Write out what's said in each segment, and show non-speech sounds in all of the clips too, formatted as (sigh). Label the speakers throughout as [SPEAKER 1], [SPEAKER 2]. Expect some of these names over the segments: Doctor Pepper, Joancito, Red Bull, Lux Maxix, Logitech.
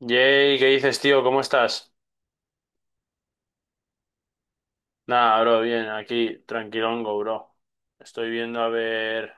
[SPEAKER 1] Yay, ¿qué dices, tío? ¿Cómo estás? Nada, bro, bien, aquí, tranquilongo, bro. Estoy viendo a ver.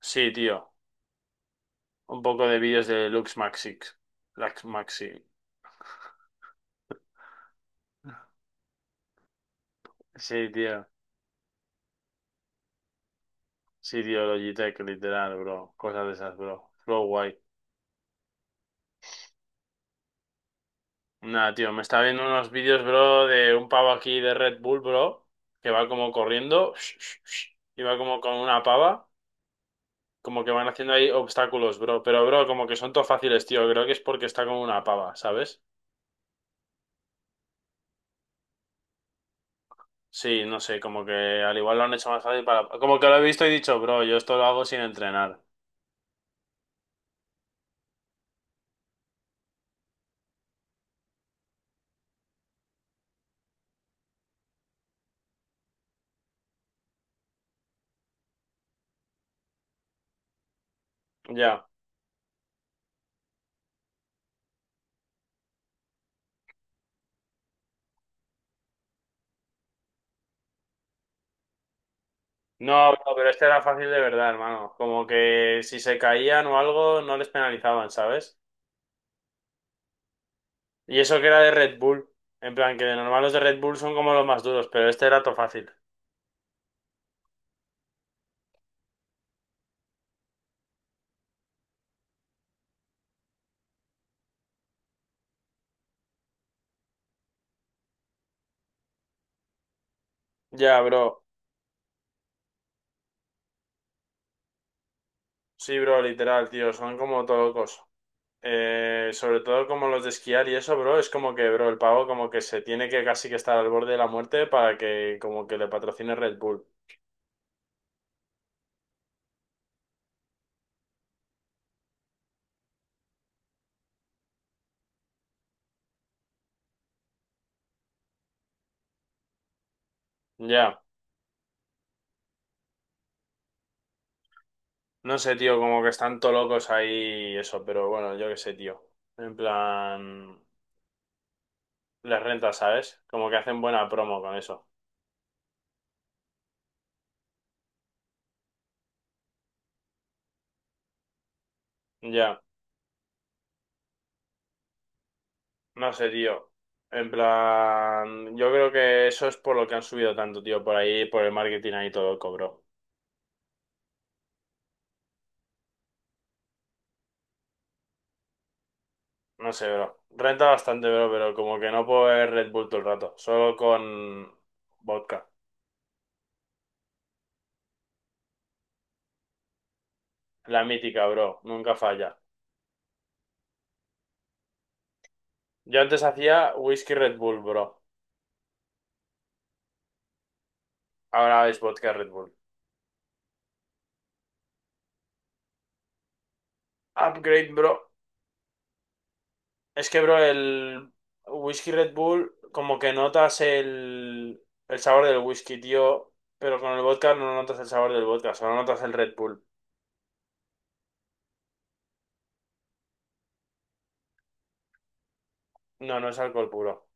[SPEAKER 1] Sí, tío. Un poco de vídeos de Lux Maxix. Lux Maxi. Sí, tío. Sí, tío, Logitech, literal, bro. Cosas de esas, bro. Flow guay. Nada, tío, me está viendo unos vídeos, bro, de un pavo aquí de Red Bull, bro, que va como corriendo. (laughs) Y va como con una pava. Como que van haciendo ahí obstáculos, bro. Pero, bro, como que son todo fáciles, tío. Creo que es porque está con una pava, ¿sabes? Sí, no sé, como que al igual lo han hecho más fácil para... Como que lo he visto y he dicho, bro, yo esto lo hago sin entrenar. Ya. No, bro, pero este era fácil de verdad, hermano. Como que si se caían o algo, no les penalizaban, ¿sabes? Y eso que era de Red Bull. En plan, que de normal los de Red Bull son como los más duros, pero este era todo fácil. Ya, bro. Sí, bro, literal, tío. Son como todo locos. Sobre todo como los de esquiar y eso, bro. Es como que, bro, el pavo como que se tiene que casi que estar al borde de la muerte para que como que le patrocine Red Bull. Ya. No sé, tío, como que están todo locos ahí y eso, pero bueno, yo qué sé, tío. En plan, les renta, ¿sabes? Como que hacen buena promo con eso. Ya, no sé, tío. En plan, yo creo que eso es por lo que han subido tanto, tío, por ahí, por el marketing ahí todo loco, bro. No sé, bro. Renta bastante, bro, pero como que no puedo ver Red Bull todo el rato, solo con vodka. La mítica, bro, nunca falla. Yo antes hacía whisky Red Bull, bro. Ahora es vodka Red Bull. Upgrade, bro. Es que, bro, el whisky Red Bull, como que notas el sabor del whisky, tío, pero con el vodka no notas el sabor del vodka, solo notas el Red Bull. No, no es alcohol puro.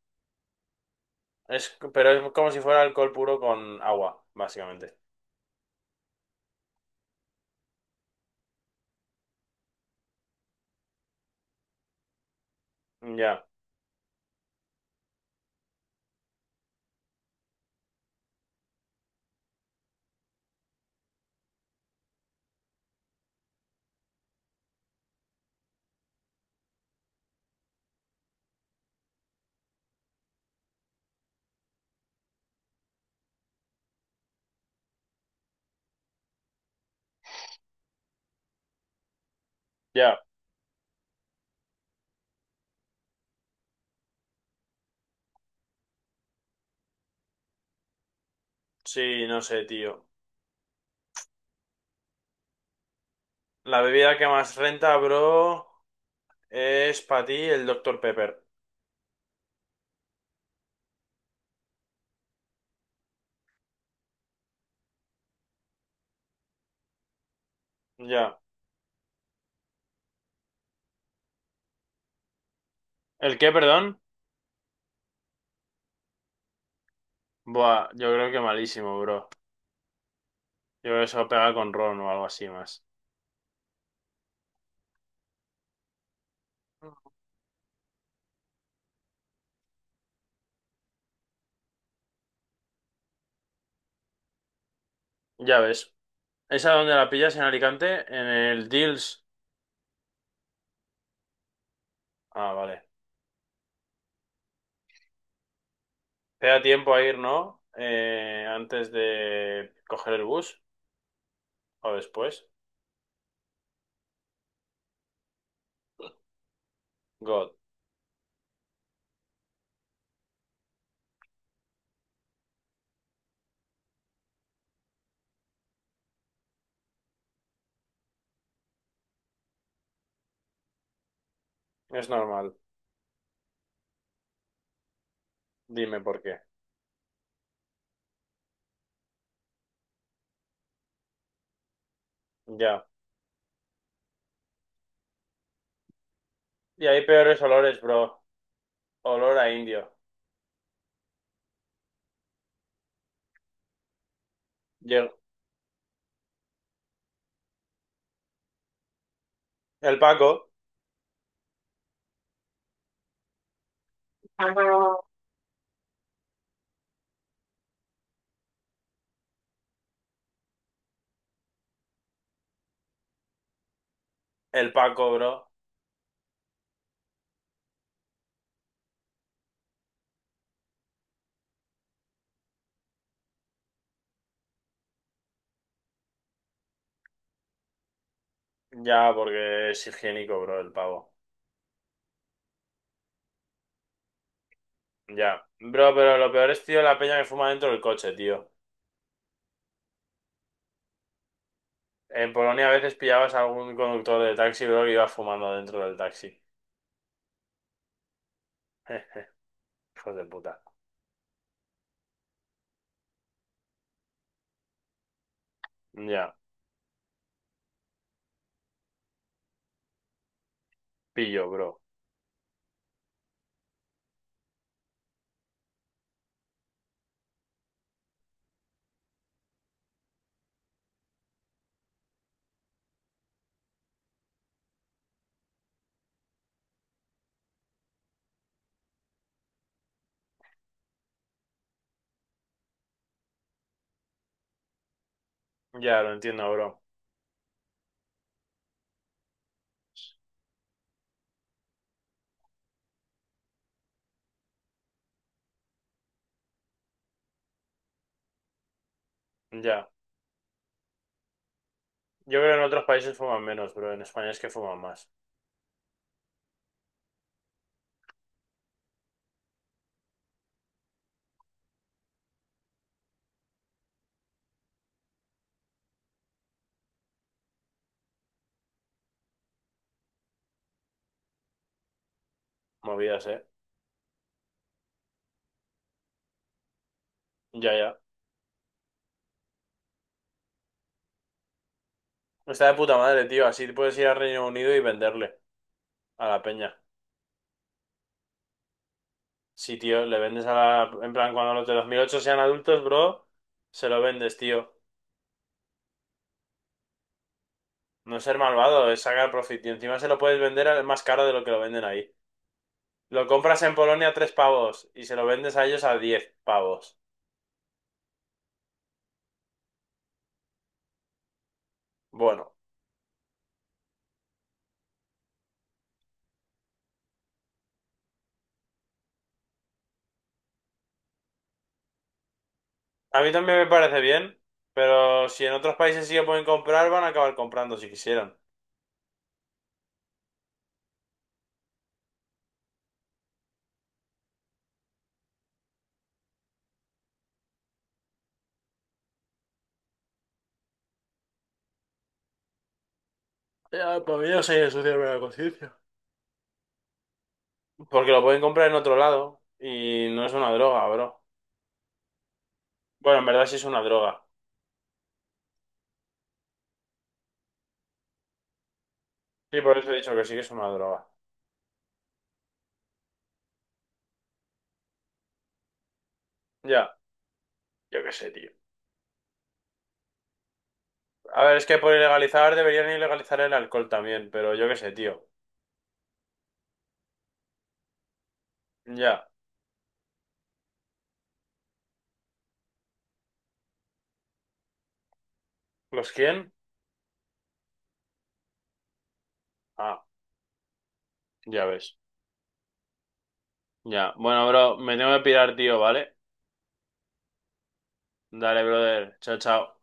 [SPEAKER 1] Es, pero es como si fuera alcohol puro con agua, básicamente. Ya, ya. Sí, no sé, tío. La bebida que más renta, bro, es para ti el Doctor Pepper. Ya. ¿El qué, perdón? Buah, yo creo que malísimo, bro. Yo creo que eso pega con ron o algo así más. Ya ves. ¿Esa dónde la pillas? ¿En Alicante? ¿En el Deals? Ah, vale. ¿Te da tiempo a ir, no? Antes de coger el bus o después. God, es normal. Dime por qué. Ya. Y hay peores olores, bro. Olor a indio. Llega- El Paco. El Paco, bro. Ya, porque es higiénico, bro, el pavo. Ya. Bro, pero lo peor es, tío, la peña que fuma dentro del coche, tío. En Polonia a veces pillabas a algún conductor de taxi, bro, que iba fumando dentro del taxi. (laughs) Hijos de puta. Ya, pillo, bro. Ya, lo entiendo, bro. Ya. Yo creo que en otros países fuman menos, bro. En España es que fuman más. Movidas, eh. Ya, ya. Está de puta madre, tío. Así puedes ir al Reino Unido y venderle a la peña. Sí, tío, le vendes a la... En plan, cuando los de 2008 sean adultos, bro, se lo vendes, tío. No es ser malvado, es sacar profit. Y encima se lo puedes vender al más caro de lo que lo venden ahí. Lo compras en Polonia a 3 pavos y se lo vendes a ellos a 10 pavos. Bueno. A mí también me parece bien, pero si en otros países sí que pueden comprar, van a acabar comprando si quisieran. Ya, para mí no sería ensuciarme la conciencia. Porque lo pueden comprar en otro lado y no es una droga, bro. Bueno, en verdad sí es una droga. Sí, por eso he dicho que sí que es una droga. Ya, yo qué sé, tío. A ver, es que por ilegalizar deberían ilegalizar el alcohol también, pero yo qué sé, tío. Ya. ¿Los quién? Ah, ya ves. Ya. Bueno, bro, me tengo que pirar, tío, ¿vale? Dale, brother. Chao, chao.